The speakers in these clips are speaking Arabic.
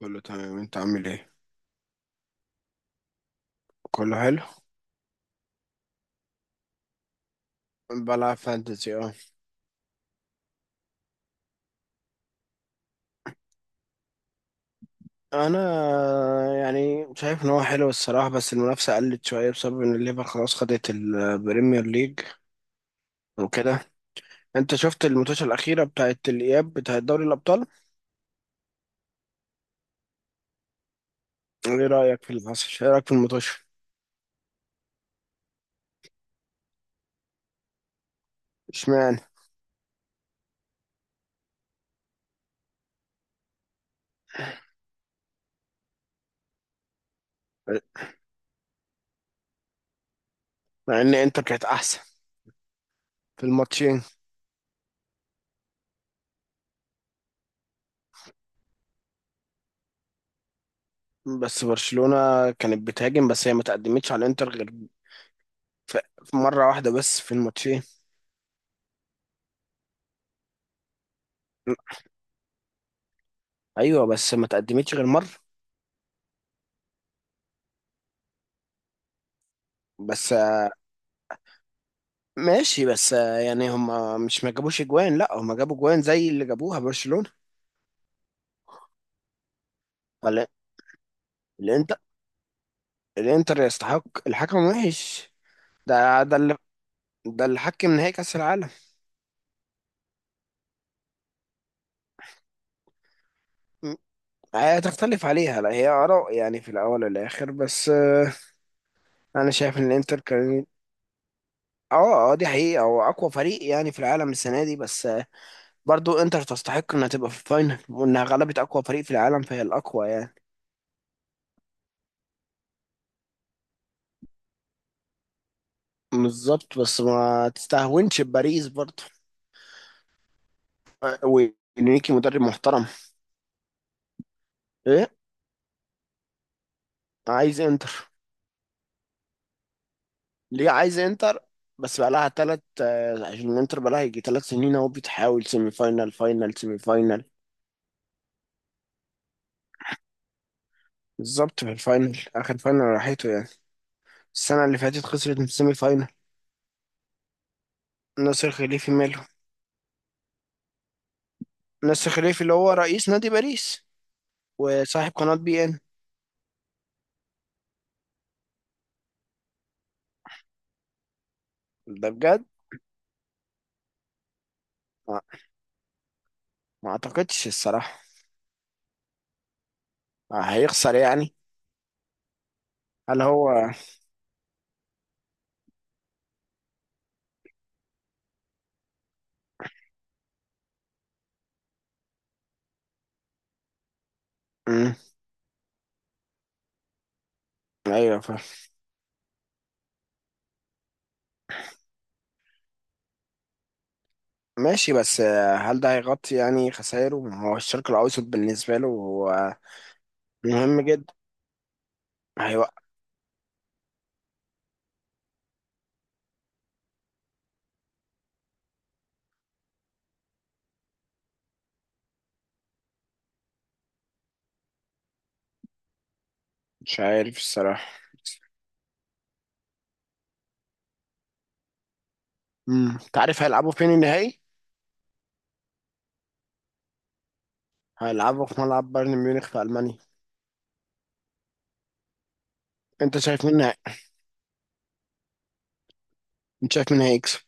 كله تمام، انت عامل ايه؟ كله حلو. بلعب فانتزي، اه. انا يعني شايف ان هو حلو الصراحه، بس المنافسه قلت شويه بسبب ان الليفر خلاص خدت البريمير ليج وكده. انت شفت الماتش الاخيره بتاعت الاياب بتاعت دوري الابطال؟ ايه رايك في اللي حصل، ايه رايك في الماتش؟ اشمعنى؟ مع ان انتر كانت احسن في الماتشين. بس برشلونه كانت بتهاجم، بس هي ما تقدمتش على انتر غير في مره واحده بس في الماتشين. ايوه بس ما تقدمتش غير مره. بس ماشي، بس يعني هم مش ما جابوش اجوان، لا هم جابوا اجوان زي اللي جابوها برشلونة. ولا الانتر، الانتر يستحق، الحكم وحش. ده اللي، ده اللي حكم نهائي كأس العالم. م. هتختلف عليها، لا هي آراء يعني في الأول والآخر، بس أنا شايف إن الإنتر كان، اه اه دي حقيقة، هو أقوى فريق يعني في العالم السنة دي، بس برضو إنتر تستحق إنها تبقى في الفاينل، وإنها غلبت أقوى فريق في العالم فهي الأقوى يعني. بالظبط، بس ما تستهونش بباريس برضو. وانريكي مدرب محترم. ايه؟ عايز انتر. ليه عايز انتر؟ بس بقى لها ثلاث. عشان الانتر بقى لها يجي ثلاث سنين اهو، بتحاول سيمي فاينال، فاينال، سيمي فاينال. بالظبط في الفاينل، اخر فاينل راحته يعني. السنه اللي فاتت خسرت من السيمي فاينال. ناصر خليفي ماله؟ ناصر خليفي اللي هو رئيس نادي باريس وصاحب قناه بي ان. ده بجد؟ ما ما اعتقدش الصراحه. هيخسر يعني. هل هو؟ مم. ايوه فاهم. ماشي، بس هل ده هيغطي يعني خسائره؟ ما هو الشرق الأوسط بالنسبة له هو مهم جدا. هيوقع. مش عارف الصراحة. امم، انت عارف هيلعبوا فين النهائي؟ هيلعبوا في ملعب بايرن ميونخ في ألمانيا. انت شايف مين هي- انت شايف مين هيكسب؟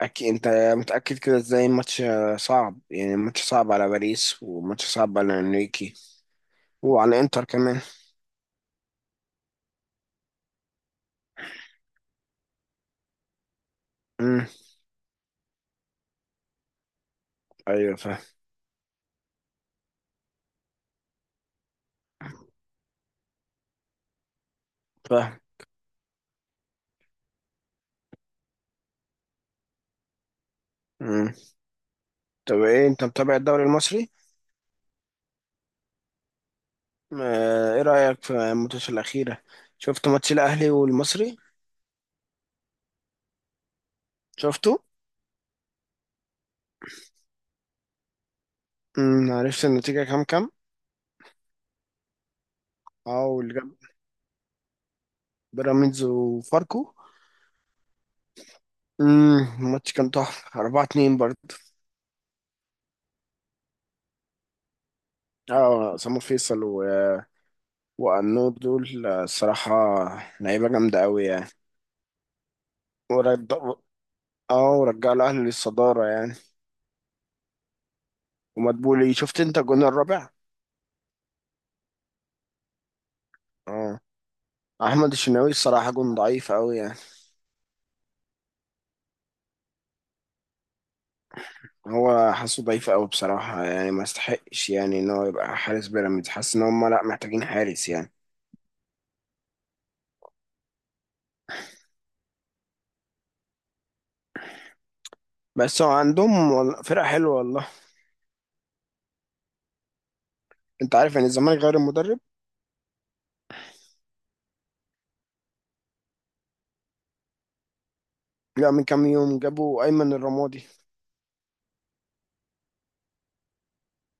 أكيد انت متأكد كده ازاي؟ الماتش صعب يعني، الماتش صعب على باريس، وماتش صعب على انريكي وعلى انتر كمان. امم ايوه فاهم. فاهم. امم، طب ايه، انت متابع الدوري المصري؟ ايه رأيك في الماتش الأخيرة؟ شفت ماتش الأهلي والمصري؟ شفته. امم، عرفت النتيجة كام كام؟ او اللي جاب بيراميدز وفاركو. امم، الماتش كان تحفة، 4-2 برضه. اه سامو فيصل وأنور دول الصراحة لعيبة جامدة قوي يعني. ورد، اه ورجع الأهلي للصدارة يعني. ومدبولي، شفت انت الجون الرابع؟ اه. أحمد الشناوي الصراحة جون ضعيف قوي يعني. هو حاسه ضعيف قوي بصراحة يعني، ما استحقش يعني ان هو يبقى حارس بيراميدز، حاسس ان هم لا محتاجين حارس يعني. بس هو عندهم فرقة حلوة والله. انت عارف يعني الزمالك غير المدرب. لا، من كام يوم جابوا ايمن الرمادي.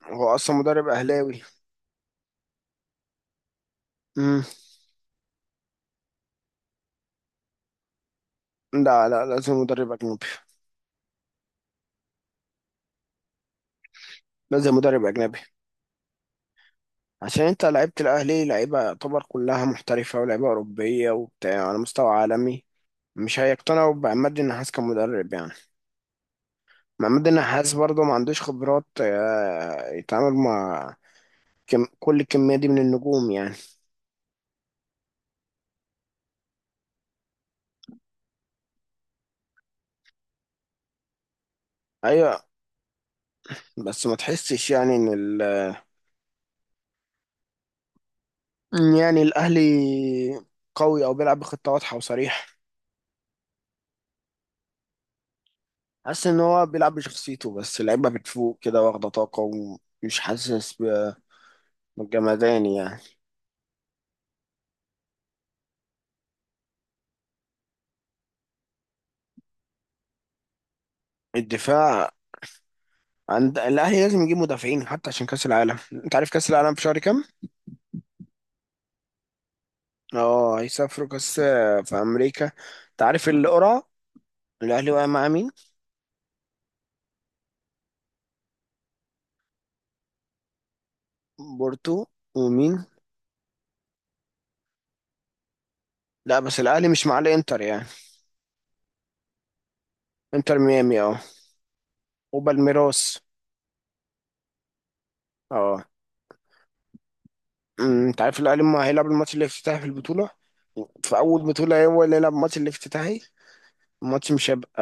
هو اصلا مدرب اهلاوي. امم. لا لا، لازم مدرب اجنبي. لازم مدرب اجنبي. عشان انت، لعيبة الاهلي، لعيبة يعتبر كلها محترفة ولعيبة اوروبية وبتاع على مستوى عالمي، مش هيقتنعوا بعماد النحاس كمدرب يعني. محمد النحاس برضه ما عندوش خبرات يتعامل مع كم، كل الكمية دي من النجوم يعني. أيوة، بس ما تحسش يعني إن يعني الأهلي قوي أو بيلعب بخطة واضحة وصريحة. حاسس إن هو بيلعب بشخصيته، بس اللعيبة بتفوق كده واخدة طاقة، ومش حاسس بالجمدان يعني. الدفاع عند الأهلي لازم يجيب مدافعين حتى عشان كأس العالم. أنت عارف كأس العالم في شهر كام؟ أه هيسافروا كأس، في أمريكا. أنت عارف القرعة، الأهلي واقع مع مين؟ بورتو، ومين؟ لا، بس الاهلي مش مع الانتر يعني. انتر ميامي، اه. وبالميراس. اه. أمم، انت عارف الاهلي ما هيلعب الماتش الافتتاحي في البطوله؟ في اول بطوله هو اللي يلعب الماتش الافتتاحي. الماتش مش هيبقى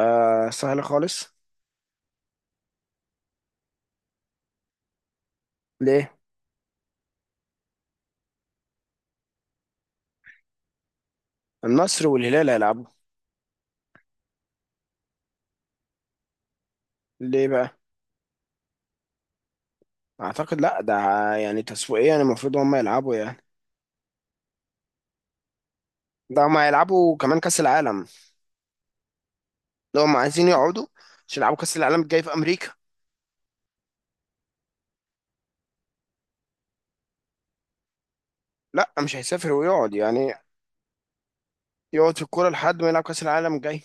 سهل خالص. ليه؟ النصر والهلال هيلعبوا. ليه بقى؟ اعتقد لا، ده يعني تسويقيا المفروض هم يلعبوا يعني. ده هم هيلعبوا كمان كاس العالم، لو هم عايزين يقعدوا عشان يلعبوا كاس العالم الجاي في امريكا. لا مش هيسافر ويقعد يعني، يقعد في الكوره لحد ما يلعب كاس العالم الجاي.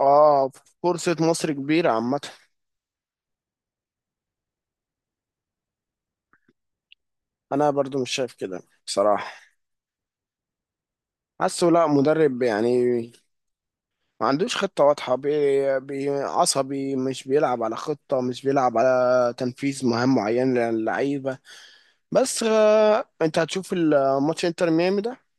اه. فرصة مصر كبيرة عامة. انا برضو مش شايف كده بصراحة. حاسه لا مدرب يعني، ما عندوش خطة واضحة، بي عصبي، مش بيلعب على خطة، مش بيلعب على تنفيذ مهام معين للعيبة. بس آه، انت هتشوف الماتش انتر ميامي ده؟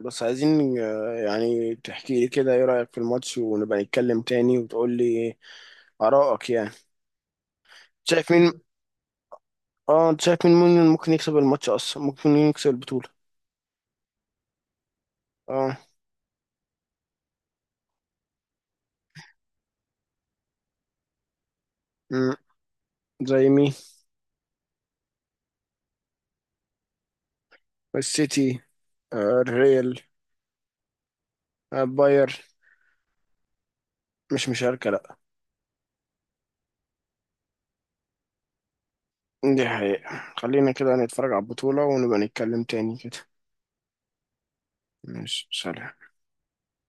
بس عايزين يعني تحكي لي كده ايه رأيك في الماتش، ونبقى نتكلم تاني وتقول لي آرائك يعني. شايف مين؟ اه انت شايف مين، مين ممكن يكسب الماتش، اصلا ممكن يكسب البطولة؟ اه. مم. زي مين؟ السيتي، الريال، باير. مش مشاركة لأ. دي حقيقة، خلينا كده نتفرج على البطولة ونبقى نتكلم تاني كده. ماشي سلام.